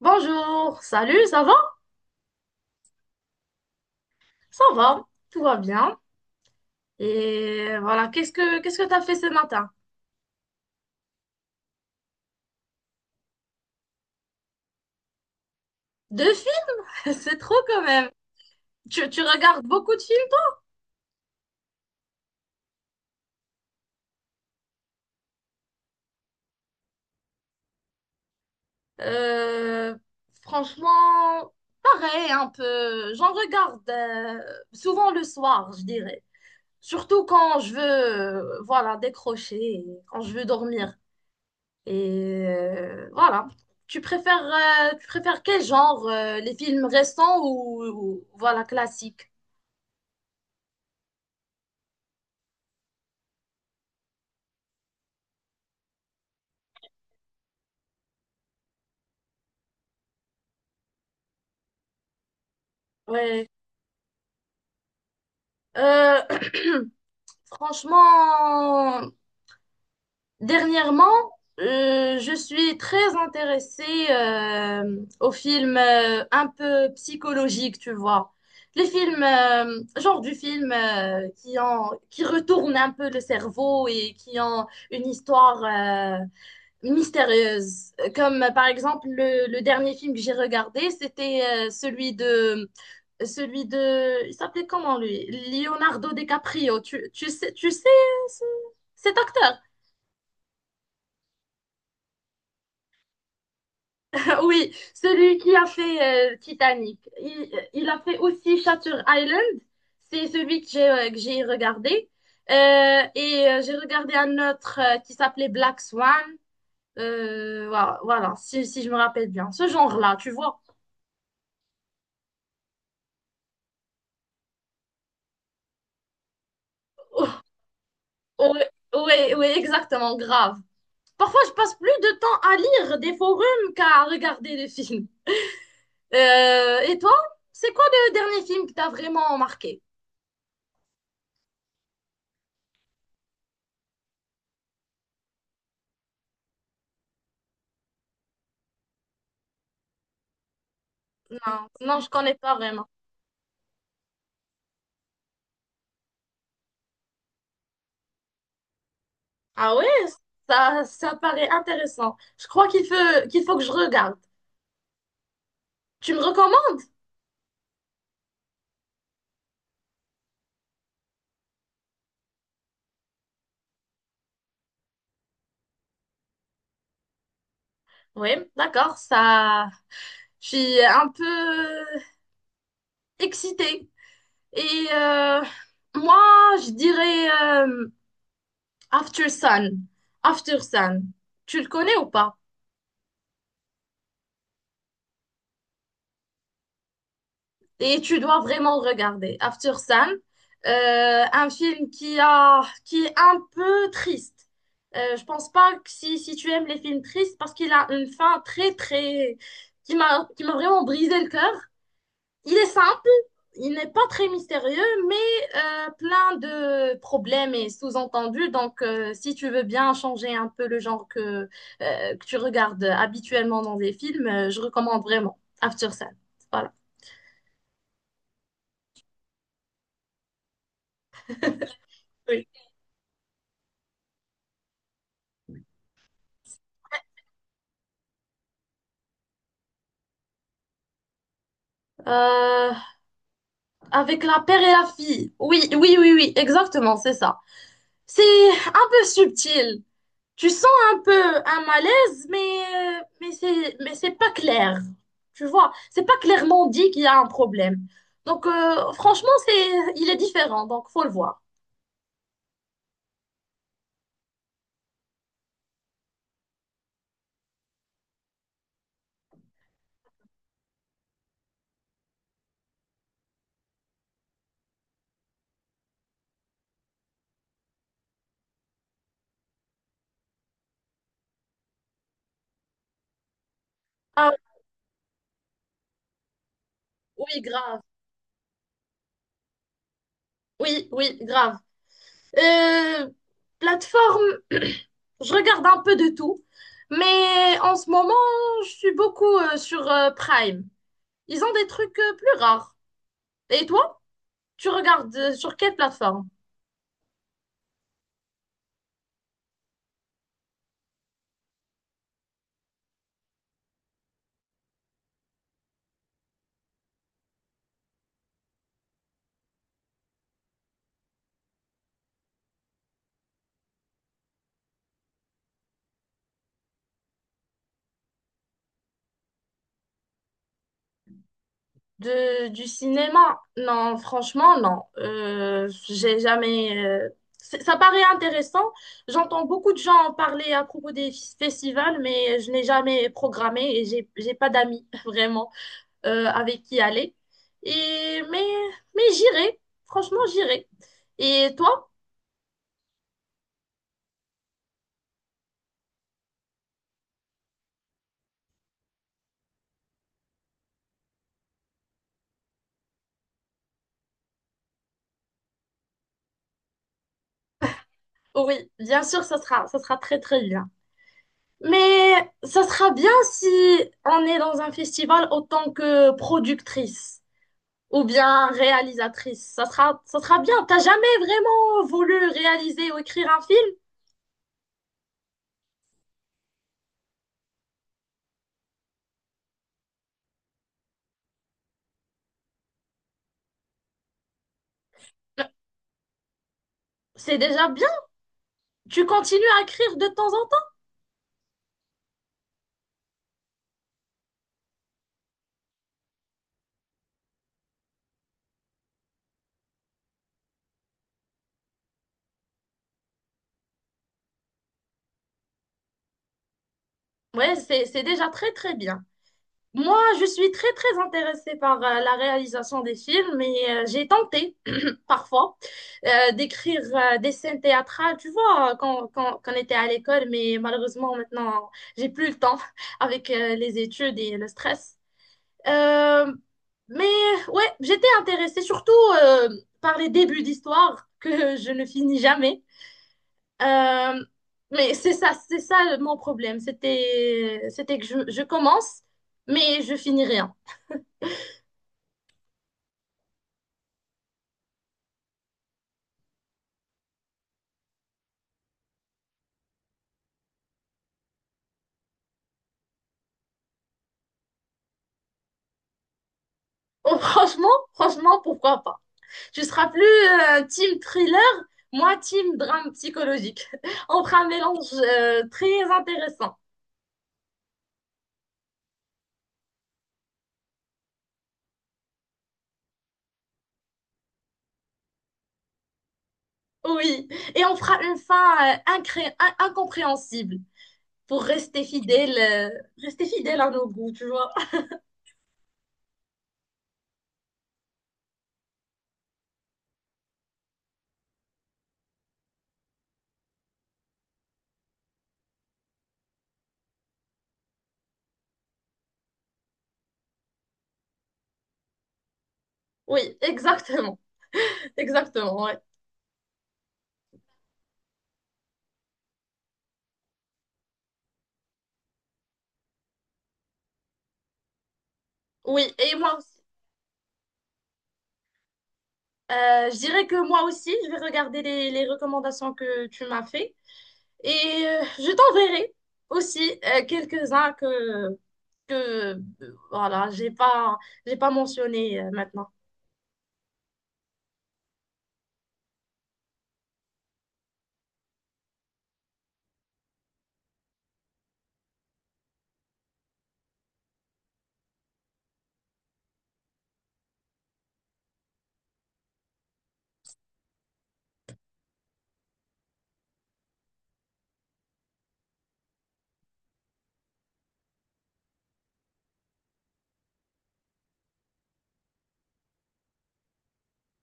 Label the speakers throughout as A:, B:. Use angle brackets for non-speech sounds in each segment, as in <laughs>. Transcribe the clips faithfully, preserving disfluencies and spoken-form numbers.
A: Bonjour, salut, ça va? Ça va, tout va bien. Et voilà, qu'est-ce que qu'est-ce que t'as fait ce matin? Deux films? <laughs> C'est trop quand même. Tu, tu regardes beaucoup de films? Euh, Franchement, pareil, un peu. J'en regarde euh, souvent le soir, je dirais. Surtout quand je veux, euh, voilà, décrocher, et quand je veux dormir. Et euh, voilà. Tu préfères, euh, tu préfères quel genre? Euh, les films récents ou, ou voilà, classiques? Ouais. Euh, <clears throat> franchement, dernièrement, euh, je suis très intéressée euh, aux films euh, un peu psychologiques, tu vois. Les films, euh, genre du film euh, qui ont, qui retournent un peu le cerveau et qui ont une histoire euh, mystérieuse. Comme euh, par exemple le, le dernier film que j'ai regardé, c'était euh, celui de Celui de... Il s'appelait comment lui? Leonardo DiCaprio. Tu, tu sais, tu sais ce- cet acteur? <laughs> Oui, celui qui a fait euh, Titanic. Il, il a fait aussi Shutter Island. C'est celui que j'ai euh, que j'ai regardé. Euh, et euh, j'ai regardé un autre euh, qui s'appelait Black Swan. Euh, voilà, voilà, si, si je me rappelle bien. Ce genre-là, tu vois. <laughs> Oui, oui, oui, exactement, grave. Parfois, je passe plus de temps à lire des forums qu'à regarder des films. Euh, et toi, c'est quoi le dernier film qui t'a vraiment marqué? Non, je connais pas vraiment. Ah ouais, ça, ça paraît intéressant. Je crois qu'il faut, qu'il faut que je regarde. Tu me recommandes? Oui, d'accord, ça. Je suis un peu excitée. Et euh, Moi, je dirais euh, After Sun. After Sun. Tu le connais ou pas? Et tu dois vraiment regarder. After Sun, euh, un film qui a, qui est un peu triste. Euh, je pense pas que si, si tu aimes les films tristes, parce qu'il a une fin très, très, qui m'a, qui m'a vraiment brisé le cœur. Il est simple, il n'est pas très mystérieux, mais euh, plein de problèmes et sous-entendus. Donc, euh, si tu veux bien changer un peu le genre que, euh, que tu regardes habituellement dans des films, euh, je recommande vraiment After Sun. Voilà. Oui. Euh, Avec la père et la fille. Oui, oui, oui, oui, exactement, c'est ça. C'est un peu subtil. Tu sens un peu un malaise, mais, euh, mais c'est, mais c'est pas clair. Tu vois, c'est pas clairement dit qu'il y a un problème. Donc, euh, franchement, c'est, il est différent, donc faut le voir. Ah, oui, grave. Oui, oui, grave. Euh, Plateforme, <clears throat> je regarde un peu de tout, mais en ce moment, je suis beaucoup euh, sur euh, Prime. Ils ont des trucs euh, plus rares. Et toi, tu regardes euh, sur quelle plateforme? De, du cinéma? Non, franchement, non. Euh, j'ai jamais. Euh, c'est- Ça paraît intéressant. J'entends beaucoup de gens en parler à propos des f- festivals, mais je n'ai jamais programmé et j'ai, j'ai pas d'amis <laughs> vraiment euh, avec qui aller. Et mais, mais j'irai. Franchement, j'irai. Et toi? Oui, bien sûr, ça sera, ça sera très très bien. Mais ça sera bien si on est dans un festival autant que productrice ou bien réalisatrice. Ça sera, ça sera bien. T'as jamais vraiment voulu réaliser ou écrire un film? C'est déjà bien. Tu continues à écrire de temps en temps. Ouais, c'est, c'est déjà très très bien. Moi, je suis très très intéressée par euh, la réalisation des films et euh, j'ai tenté <clears throat> parfois euh, d'écrire euh, des scènes théâtrales, tu vois, quand, quand, quand on était à l'école, mais malheureusement maintenant, j'ai plus le temps <laughs> avec euh, les études et le stress. Euh, mais ouais, j'étais intéressée surtout euh, par les débuts d'histoire <laughs> que je ne finis jamais. Euh, mais c'est ça, c'est ça mon problème. C'était, c'était que je, je commence, mais je finis rien. Oh, franchement, franchement, pourquoi pas? Tu seras plus euh, team thriller, moi team drame psychologique. <laughs> On fera un mélange euh, très intéressant. Oui, et on fera une fin euh, incré- in- incompréhensible pour rester fidèle, euh, rester fidèle à nos goûts, tu vois. Oui, exactement, exactement, ouais. Oui, et moi aussi. Euh, je dirais que moi aussi, je vais regarder les, les recommandations que tu m'as fait. Et euh, je t'enverrai aussi euh, quelques-uns que, que euh, voilà, j'ai pas, j'ai pas mentionné euh, maintenant.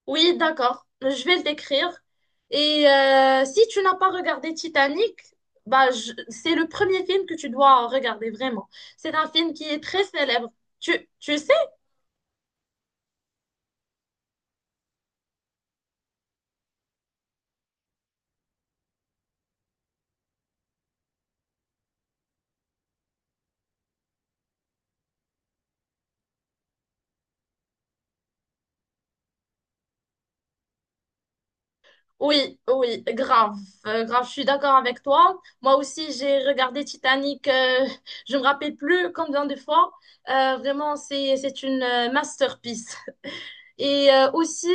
A: Oui, d'accord. Je vais le décrire. Et euh, si tu n'as pas regardé Titanic, bah, je- c'est le premier film que tu dois regarder vraiment. C'est un film qui est très célèbre. Tu, tu sais Oui, oui, grave, euh, grave, je suis d'accord avec toi. Moi aussi, j'ai regardé Titanic, euh, je me rappelle plus combien de fois. Euh, vraiment, c'est, c'est une euh, masterpiece. Et euh, aussi,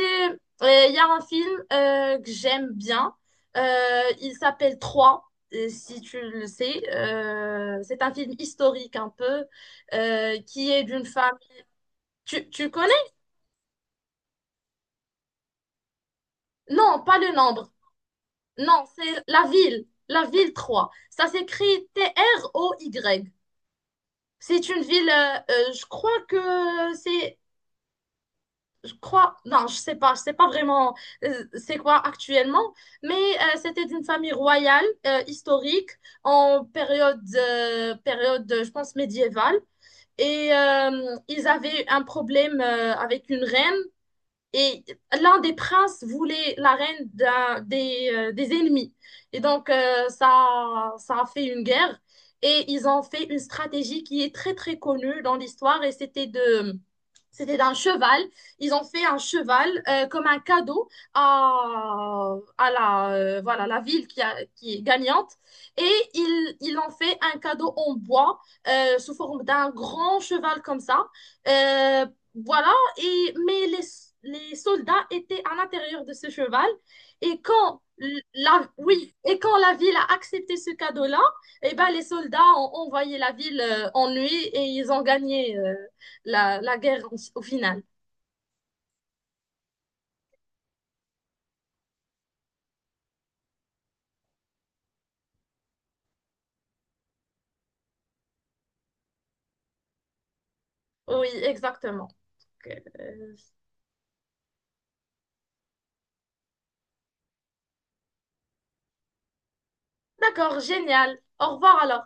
A: euh, il y a un film euh, que j'aime bien. Euh, il s'appelle Trois, euh, si tu le sais. Euh, c'est un film historique un peu, euh, qui est d'une femme. Tu, tu connais? Non, pas le nombre. Non, c'est la ville, la ville trois. Ça s'écrit T R O Y. C'est une ville, euh, euh, je crois que c'est, je crois, non, je sais pas, je sais pas vraiment euh, c'est quoi actuellement, mais euh, c'était d'une famille royale, euh, historique, en période, euh, période, je pense, médiévale. Et euh, ils avaient un problème euh, avec une reine et l'un des princes voulait la reine d'un- des, euh, des ennemis. Et donc, euh, ça, ça a fait une guerre. Et ils ont fait une stratégie qui est très, très connue dans l'histoire. Et c'était de, c'était d'un cheval. Ils ont fait un cheval euh, comme un cadeau à, à la, euh, voilà, la ville qui, a- qui est gagnante. Et ils, ils ont fait un cadeau en bois euh, sous forme d'un grand cheval comme ça. Euh, voilà, et, mais les, les soldats étaient à l'intérieur de ce cheval. Et quand la, oui, et quand la ville a accepté ce cadeau-là, eh ben, les soldats ont envoyé la ville euh, en nuit et ils ont gagné euh, la, la guerre en- au final. Oui, exactement. Donc, euh, D'accord, génial. Au revoir alors.